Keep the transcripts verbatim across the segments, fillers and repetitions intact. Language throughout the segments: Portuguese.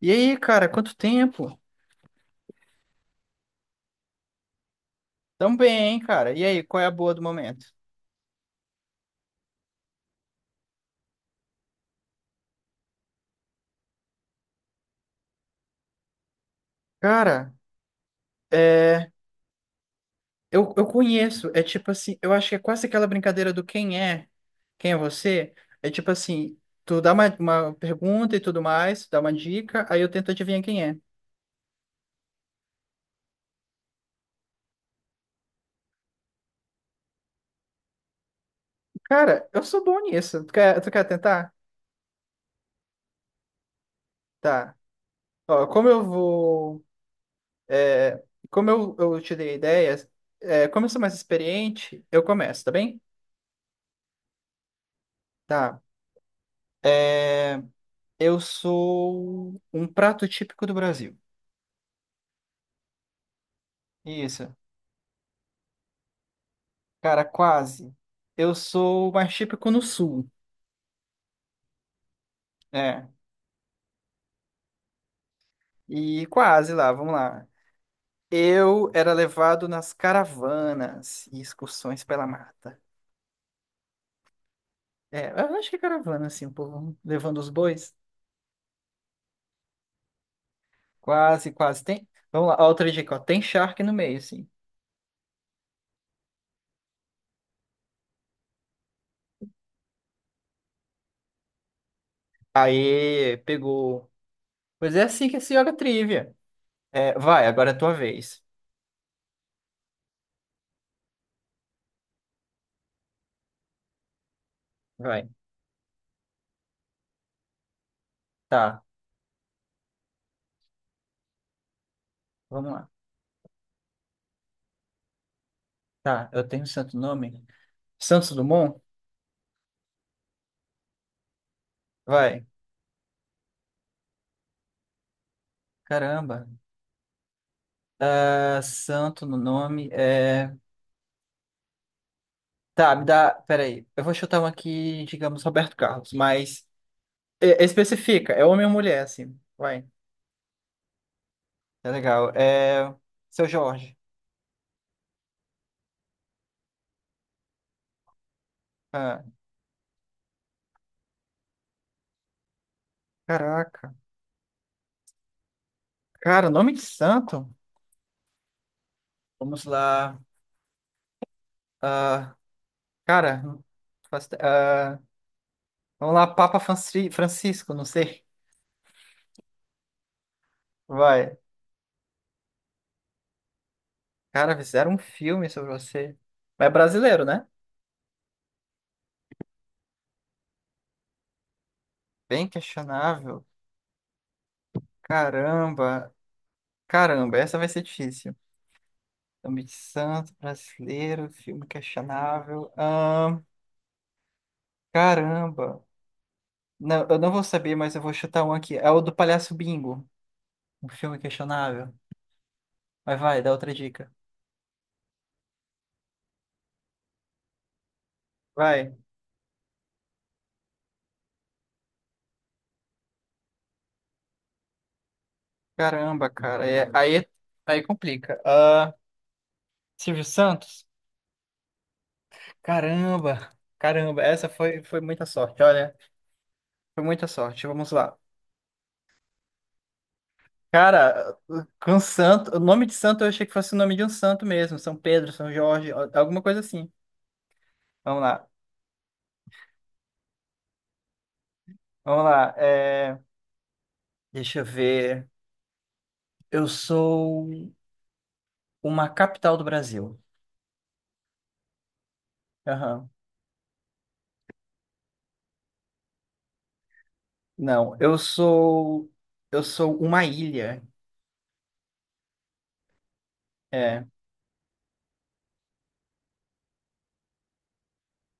E aí, cara, quanto tempo? Tão bem, hein, cara? E aí, qual é a boa do momento? Cara, é... eu, eu conheço, é tipo assim, eu acho que é quase aquela brincadeira do quem é, quem é você. É tipo assim, tu dá uma, uma pergunta e tudo mais, dá uma dica, aí eu tento adivinhar quem é. Cara, eu sou bom nisso. Tu quer, tu quer tentar? Tá. Ó, como eu vou. é, Como eu, eu te dei ideias, é, como eu sou mais experiente, eu começo, tá bem? Tá. É. Eu sou um prato típico do Brasil. Isso. Cara, quase. Eu sou mais típico no sul. É. E quase lá, vamos lá. Eu era levado nas caravanas e excursões pela mata. É, eu acho que é caravana, assim, o povo levando os bois. Quase, quase. Tem. Vamos lá, ó, outra dica, ó. Tem charque no meio, assim. Aê, pegou. Pois é assim que se joga trivia. É, vai, agora é a tua vez. Vai. Tá, vamos lá. Tá, eu tenho um santo nome? Santos Dumont? Vai. Caramba. Ah, santo no nome. É... Tá, me dá. Peraí. Eu vou chutar um aqui, digamos, Roberto Carlos, mas é, especifica. É homem ou mulher, assim. Vai. Tá legal. É... Seu Jorge. Ah, caraca. Cara, nome de santo? Vamos lá. Ah, cara, não faço ide- ah, vamos lá, Papa Franci- Francisco, não sei. Vai. Cara, fizeram um filme sobre você. Mas é brasileiro, né? Bem questionável. Caramba, caramba, essa vai ser difícil. Nome de santo, brasileiro, filme questionável. Ahn, caramba. Não, eu não vou saber, mas eu vou chutar um aqui. É o do Palhaço Bingo, um filme questionável. Mas vai, dá outra dica. Vai. Caramba, cara. é- aí, aí complica. Ah, Silvio Santos? Caramba, caramba. Essa foi, foi muita sorte, olha. Foi muita sorte. Vamos lá. Cara, com santo, o nome de santo eu achei que fosse o nome de um santo mesmo, São Pedro, São Jorge, al- alguma coisa assim. Vamos lá, vamos lá. é, Deixa eu ver. Eu sou uma capital do Brasil. Aham. Não, eu sou, eu sou uma ilha. É.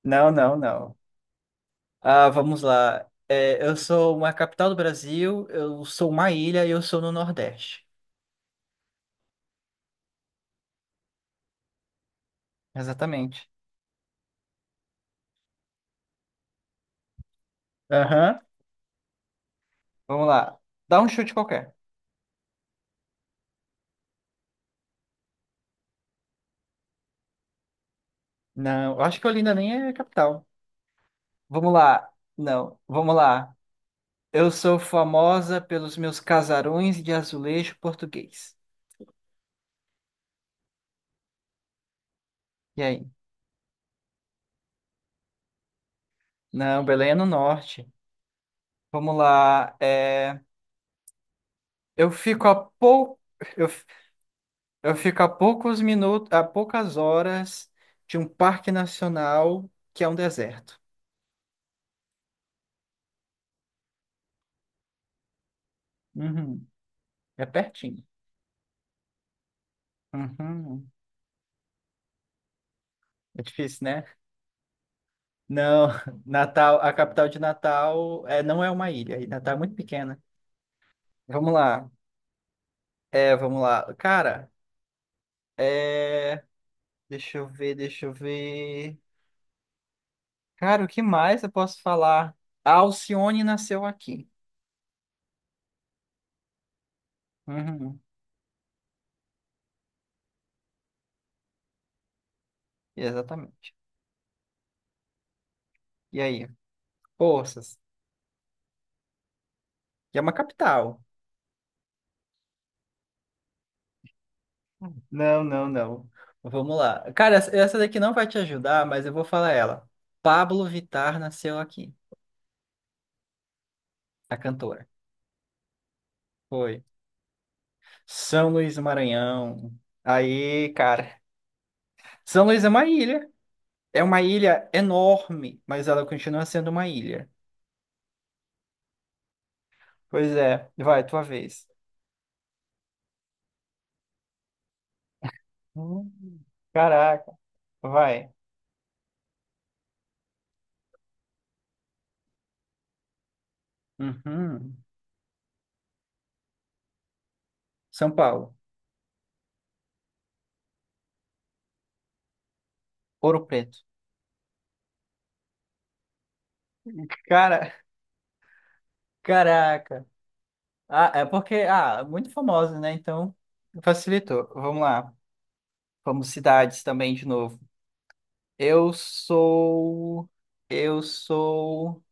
Não, não, não. Ah, vamos lá. É, eu sou uma capital do Brasil. Eu sou uma ilha e eu sou no Nordeste. Exatamente. Aham. Vamos lá. Dá um chute qualquer. Não, eu acho que Olinda nem é capital. Vamos lá. Não, vamos lá. Eu sou famosa pelos meus casarões de azulejo português. E aí? Não, Belém é no norte. Vamos lá. É, eu fico a pou... eu... f- eu fico a poucos minutos, a poucas horas de um parque nacional que é um deserto. Uhum, é pertinho. Uhum. É difícil, né? Não, Natal, a capital de Natal é, não é uma ilha. E Natal é muito pequena. Vamos lá. É, vamos lá. Cara, é... Deixa eu ver, deixa eu ver. Cara, o que mais eu posso falar? A Alcione nasceu aqui. Uhum, exatamente. E aí? Forças. E é uma capital. Não, não, não. Vamos lá. Cara, essa essa daqui não vai te ajudar, mas eu vou falar ela. Pablo Vittar nasceu aqui. A cantora. Foi. São Luís do Maranhão. Aí, cara. São Luís é uma ilha. É uma ilha enorme, mas ela continua sendo uma ilha. Pois é, vai, tua vez. Hum, caraca, vai. Uhum. São Paulo, Ouro Preto. Cara, caraca. Ah, é porque, ah, muito famosa, né? Então, facilitou. Vamos lá. Vamos cidades também de novo. Eu sou. Eu sou.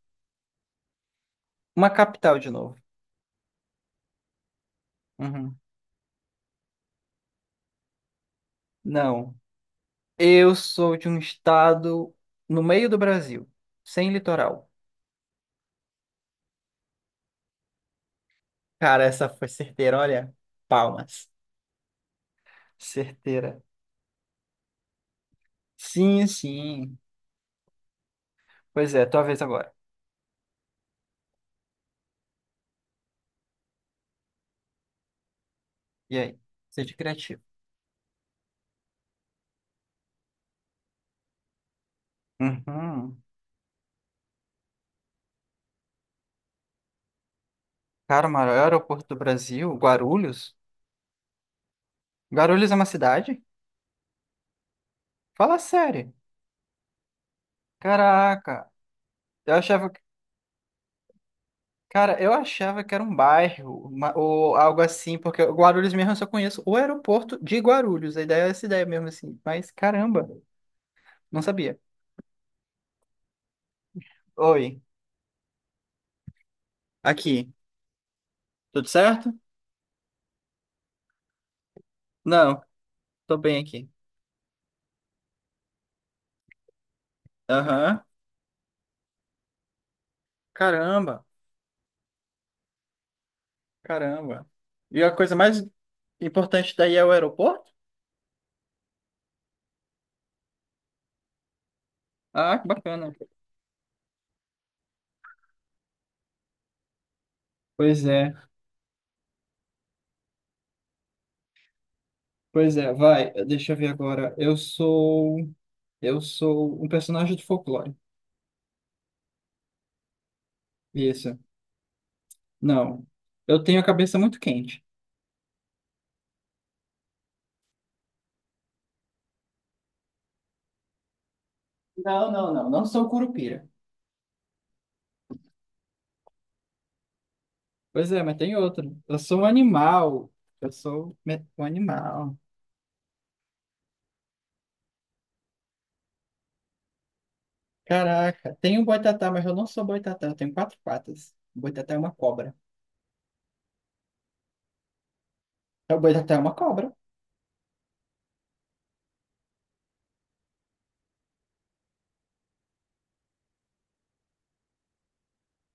Uma capital de novo. Uhum. Não. Eu sou de um estado no meio do Brasil, sem litoral. Cara, essa foi certeira, olha. Palmas. Certeira. Sim, sim. Pois é, tua vez agora. E aí? Seja criativo. Uhum. Cara, o maior aeroporto do Brasil, Guarulhos? Guarulhos é uma cidade? Fala sério. Caraca. Eu achava que... Cara, eu achava que era um bairro, uma- ou algo assim, porque Guarulhos mesmo eu só conheço o aeroporto de Guarulhos. A ideia é essa ideia mesmo assim. Mas caramba, não sabia. Oi. Aqui. Tudo certo? Não, tô bem aqui. Aham. Caramba, caramba. E a coisa mais importante daí é o aeroporto? Ah, que bacana. Pois é, pois é, vai, deixa eu ver agora. Eu sou. Eu sou um personagem de folclore. Isso. Não. Eu tenho a cabeça muito quente. Não, não, não. Não sou curupira. Pois é, mas tem outro. Eu sou um animal. Eu sou me- um animal. Caraca, tem um boitatá, mas eu não sou boitatá. Eu tenho quatro patas. O boitatá é uma cobra. O boitatá é uma cobra.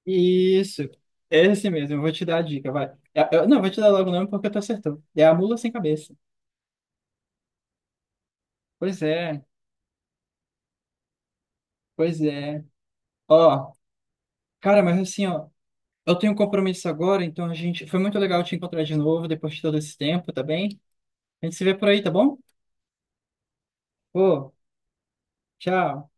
Isso, esse mesmo, eu vou te dar a dica, vai. Eu- eu- não, eu vou te dar logo o nome porque tu acertou. É a mula sem cabeça. Pois é, pois é. Ó, cara, mas assim, ó, eu tenho um compromisso agora, então a gente. Foi muito legal te encontrar de novo depois de todo esse tempo, tá bem? A gente se vê por aí, tá bom? Pô, tchau.